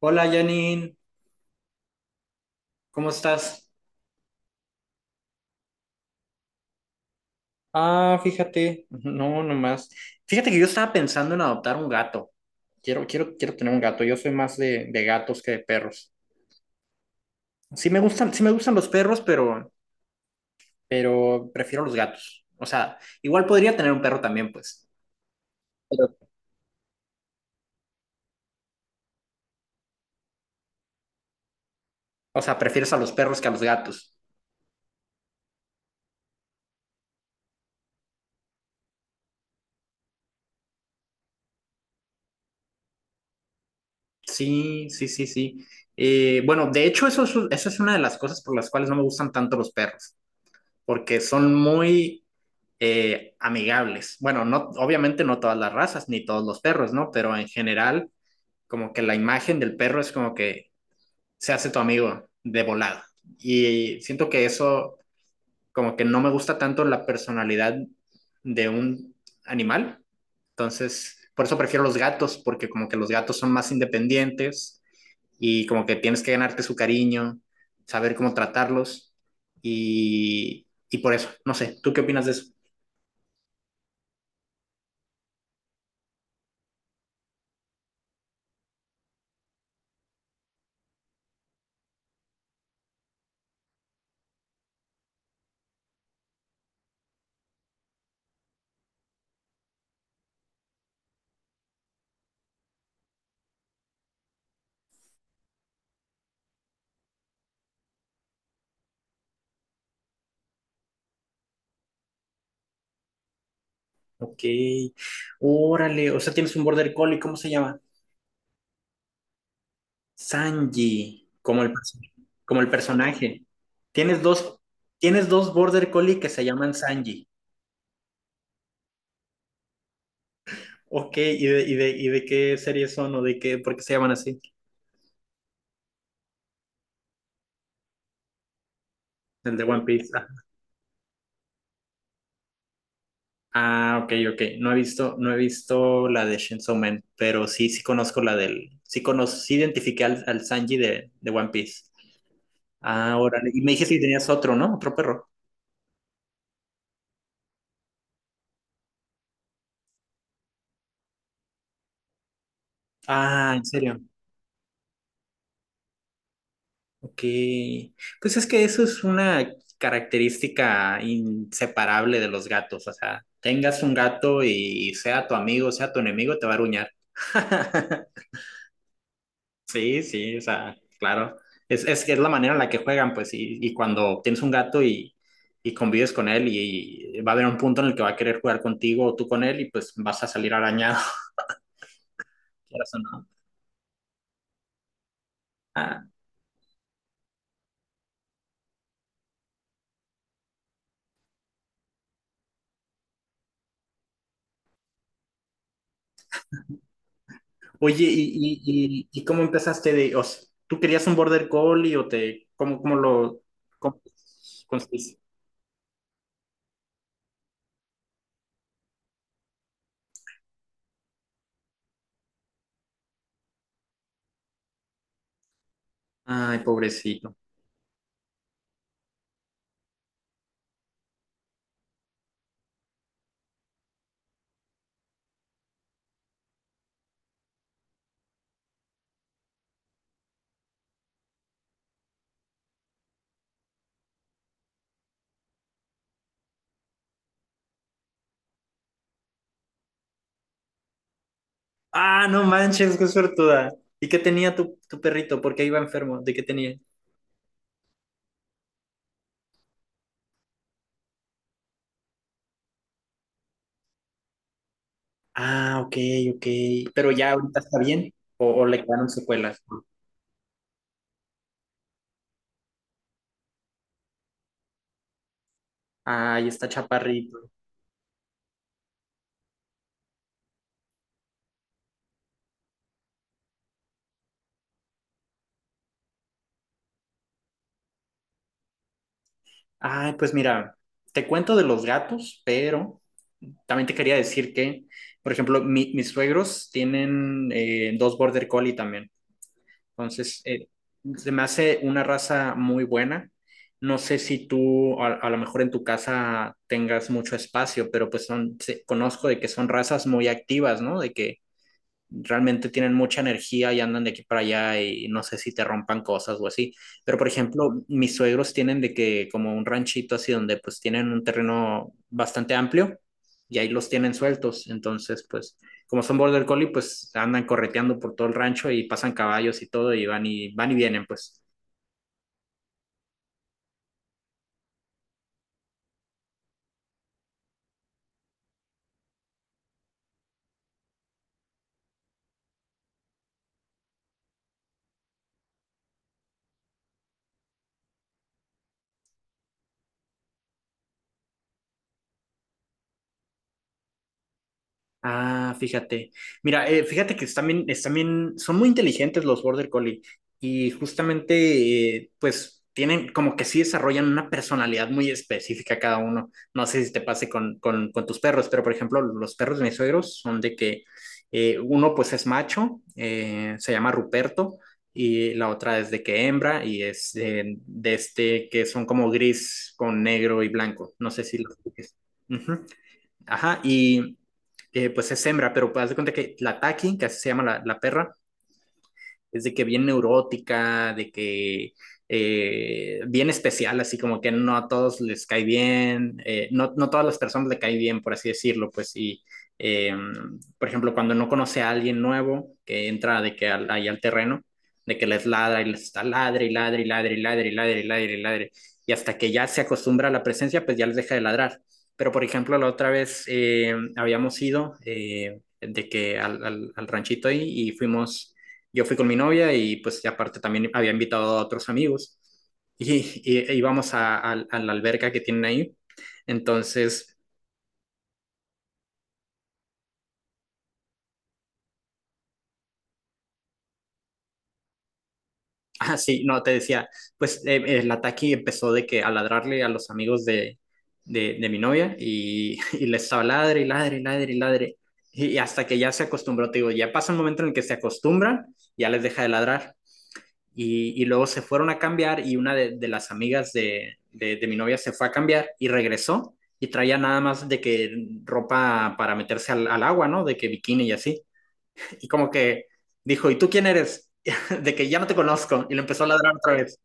Hola Janine, ¿cómo estás? Ah, fíjate, no, nomás. Fíjate que yo estaba pensando en adoptar un gato. Quiero tener un gato. Yo soy más de gatos que de perros. Sí me gustan los perros, pero prefiero los gatos. O sea, igual podría tener un perro también, pues. Pero, o sea, prefieres a los perros que a los gatos. Sí, sí, sí, sí. Bueno, de hecho, eso es una de las cosas por las cuales no me gustan tanto los perros, porque son muy amigables. Bueno, no, obviamente no todas las razas ni todos los perros, ¿no? Pero en general, como que la imagen del perro es como que se hace tu amigo de volada. Y siento que eso, como que no me gusta tanto la personalidad de un animal. Entonces, por eso prefiero los gatos, porque como que los gatos son más independientes y como que tienes que ganarte su cariño, saber cómo tratarlos. Y por eso, no sé, ¿tú qué opinas de eso? Ok, órale, o sea, tienes un border collie, ¿cómo se llama? Sanji, como el personaje. Tienes dos, tienes dos border collie que se llaman Sanji. Ok, ¿y de qué serie son o de qué, por qué se llaman así? El de One Piece. Ah, ok, ok. No he visto la de Chainsaw Man, pero sí, sí conozco sí identifiqué al Sanji de One Piece. Ah, órale. Y me dijiste que tenías otro, ¿no? Otro perro. Ah, ¿en serio? Ok, pues es que eso es una característica inseparable de los gatos, o sea, tengas un gato y sea tu amigo, sea tu enemigo, te va a aruñar. Sí, sí, o sea, claro, que es la manera en la que juegan, pues, y cuando tienes un gato y convives con él y, va a haber un punto en el que va a querer jugar contigo o tú con él y pues vas a salir arañado, quieras o no. Ah, oye, ¿y cómo empezaste o sea, tú querías un border collie o te, cómo, cómo lo cómo conseguiste? Ay, pobrecito. Ah, no manches, qué suertuda. ¿Y qué tenía tu perrito? ¿Por qué iba enfermo? ¿De qué tenía? Ah, ok, ok. Pero ya ahorita está bien o le quedaron secuelas. Ay, está chaparrito. Ay, pues mira, te cuento de los gatos, pero también te quería decir que, por ejemplo, mis suegros tienen dos border collie también. Entonces, se me hace una raza muy buena. No sé si tú a lo mejor en tu casa tengas mucho espacio, pero pues son, conozco de que son razas muy activas, ¿no? De que realmente tienen mucha energía y andan de aquí para allá y no sé si te rompan cosas o así. Pero, por ejemplo, mis suegros tienen de que como un ranchito así donde pues tienen un terreno bastante amplio y ahí los tienen sueltos. Entonces, pues como son border collie, pues andan correteando por todo el rancho y pasan caballos y todo y van y van y vienen, pues. Ah, fíjate. Mira, fíjate que están bien, son muy inteligentes los Border Collie y justamente, pues, tienen como que sí desarrollan una personalidad muy específica cada uno. No sé si te pase con tus perros, pero por ejemplo, los perros de mis suegros son de que uno pues es macho, se llama Ruperto, y la otra es de que hembra y es de este que son como gris con negro y blanco. No sé si los... Ujú. Ajá, y pues es hembra, pero haz de cuenta que la Taki, que así se llama la perra, es de que bien neurótica, de que bien especial, así como que no a todos les cae bien, no, no todas las personas le cae bien, por así decirlo, pues sí. Eh, por ejemplo, cuando no conoce a alguien nuevo que entra de que ahí al terreno, de que les ladra y les está ladre y ladre y ladre y ladre y ladre y ladre y ladre, y hasta que ya se acostumbra a la presencia, pues ya les deja de ladrar. Pero, por ejemplo, la otra vez habíamos ido de que al ranchito ahí y fuimos yo fui con mi novia y pues y aparte también había invitado a otros amigos y, e íbamos a la alberca que tienen ahí. Entonces, ah, sí, no, te decía, pues el ataque empezó de que a ladrarle a los amigos de mi novia y, y les estaba ladre y ladre y ladre y ladre. Y hasta que ya se acostumbró, te digo, ya pasa un momento en el que se acostumbran, ya les deja de ladrar. Y luego se fueron a cambiar y una de las amigas de mi novia se fue a cambiar y regresó y traía nada más de que ropa para meterse al agua, ¿no? De que bikini y así. Y como que dijo, ¿y tú quién eres? De que ya no te conozco. Y le empezó a ladrar otra vez.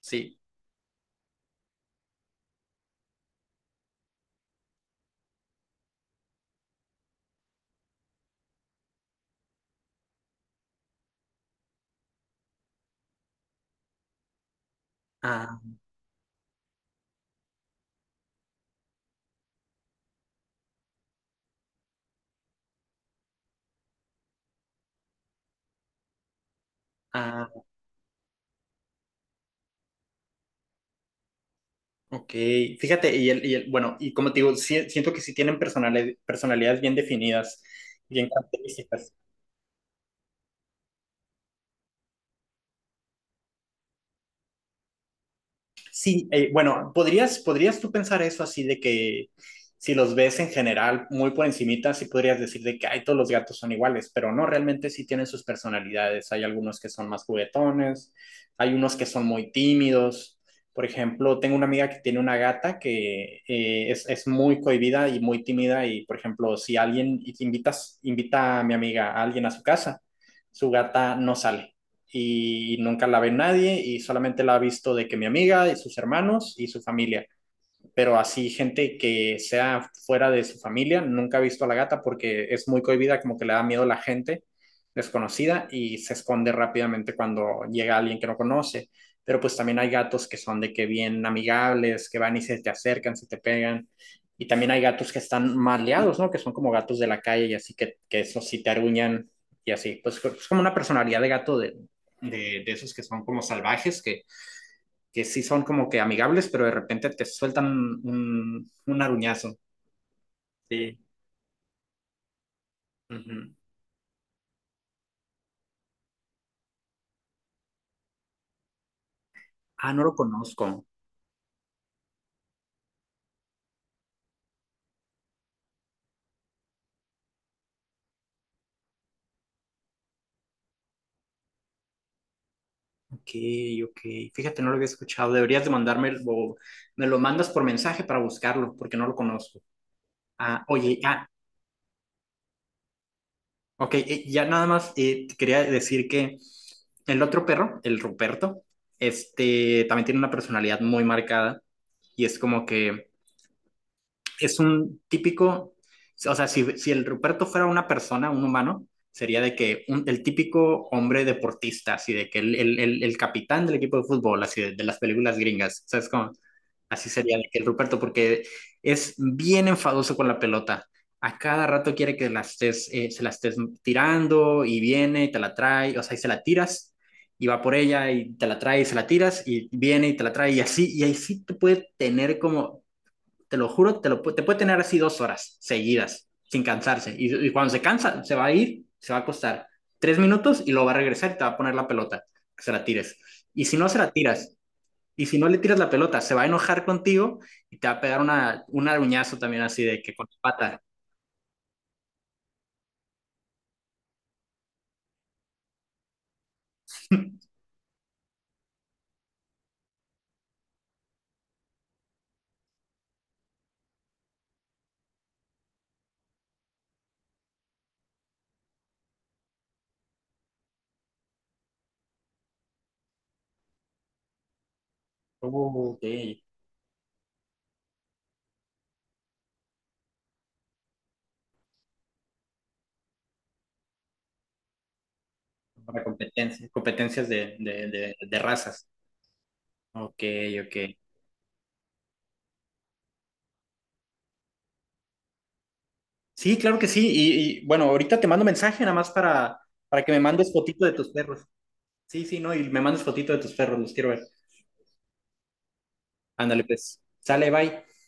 Sí. Ah, ah, ok. Fíjate, bueno, y como te digo, siento que sí tienen personalidades bien definidas, bien características. Sí, bueno, ¿podrías tú pensar eso así de que si los ves en general muy por encimita, sí podrías decir de que ay, todos los gatos son iguales, pero no, realmente sí tienen sus personalidades? Hay algunos que son más juguetones, hay unos que son muy tímidos. Por ejemplo, tengo una amiga que tiene una gata que es muy cohibida y muy tímida y, por ejemplo, si alguien invita a mi amiga, a alguien a su casa, su gata no sale y nunca la ve nadie y solamente la ha visto de que mi amiga y sus hermanos y su familia, pero así gente que sea fuera de su familia nunca ha visto a la gata porque es muy cohibida, como que le da miedo a la gente desconocida y se esconde rápidamente cuando llega alguien que no conoce. Pero pues también hay gatos que son de que bien amigables, que van y se te acercan, se te pegan. Y también hay gatos que están maleados, ¿no? Que son como gatos de la calle y así que, eso sí te aruñan y así. Pues es como una personalidad de gato de esos que son como salvajes, que sí son como que amigables, pero de repente te sueltan un aruñazo. Sí. Ujú. Ah, no lo conozco. Ok, ok. Fíjate, no lo había escuchado. Deberías de mandarme o me lo mandas por mensaje para buscarlo, porque no lo conozco. Ah, oye, ok. Ya nada más te quería decir que el otro perro, el Ruperto, este también tiene una personalidad muy marcada y es como que es un típico, o sea, si, si el Ruperto fuera una persona, un humano, sería de que el típico hombre deportista, así de que el capitán del equipo de fútbol, así de las películas gringas, ¿sabes cómo? Así sería de que el Ruperto, porque es bien enfadoso con la pelota. A cada rato quiere que se la estés tirando y viene y te la trae, o sea, y se la tiras y va por ella y te la trae y se la tiras y viene y te la trae y así te puede tener como te lo juro, te puede tener así 2 horas seguidas, sin cansarse. Y, cuando se cansa, se va a ir, se va a acostar 3 minutos y lo va a regresar y te va a poner la pelota, que se la tires. Y si no se la tiras, y si no le tiras la pelota, se va a enojar contigo y te va a pegar un aruñazo también así de que con la pata. Oh, ok, para competencias de razas. Ok, ok. Sí, claro que sí. Y, bueno, ahorita te mando mensaje nada más para que me mandes fotito de tus perros. Sí, sí, no, y me mandas fotito de tus perros, los quiero ver. Ándale, pues. Sale, bye.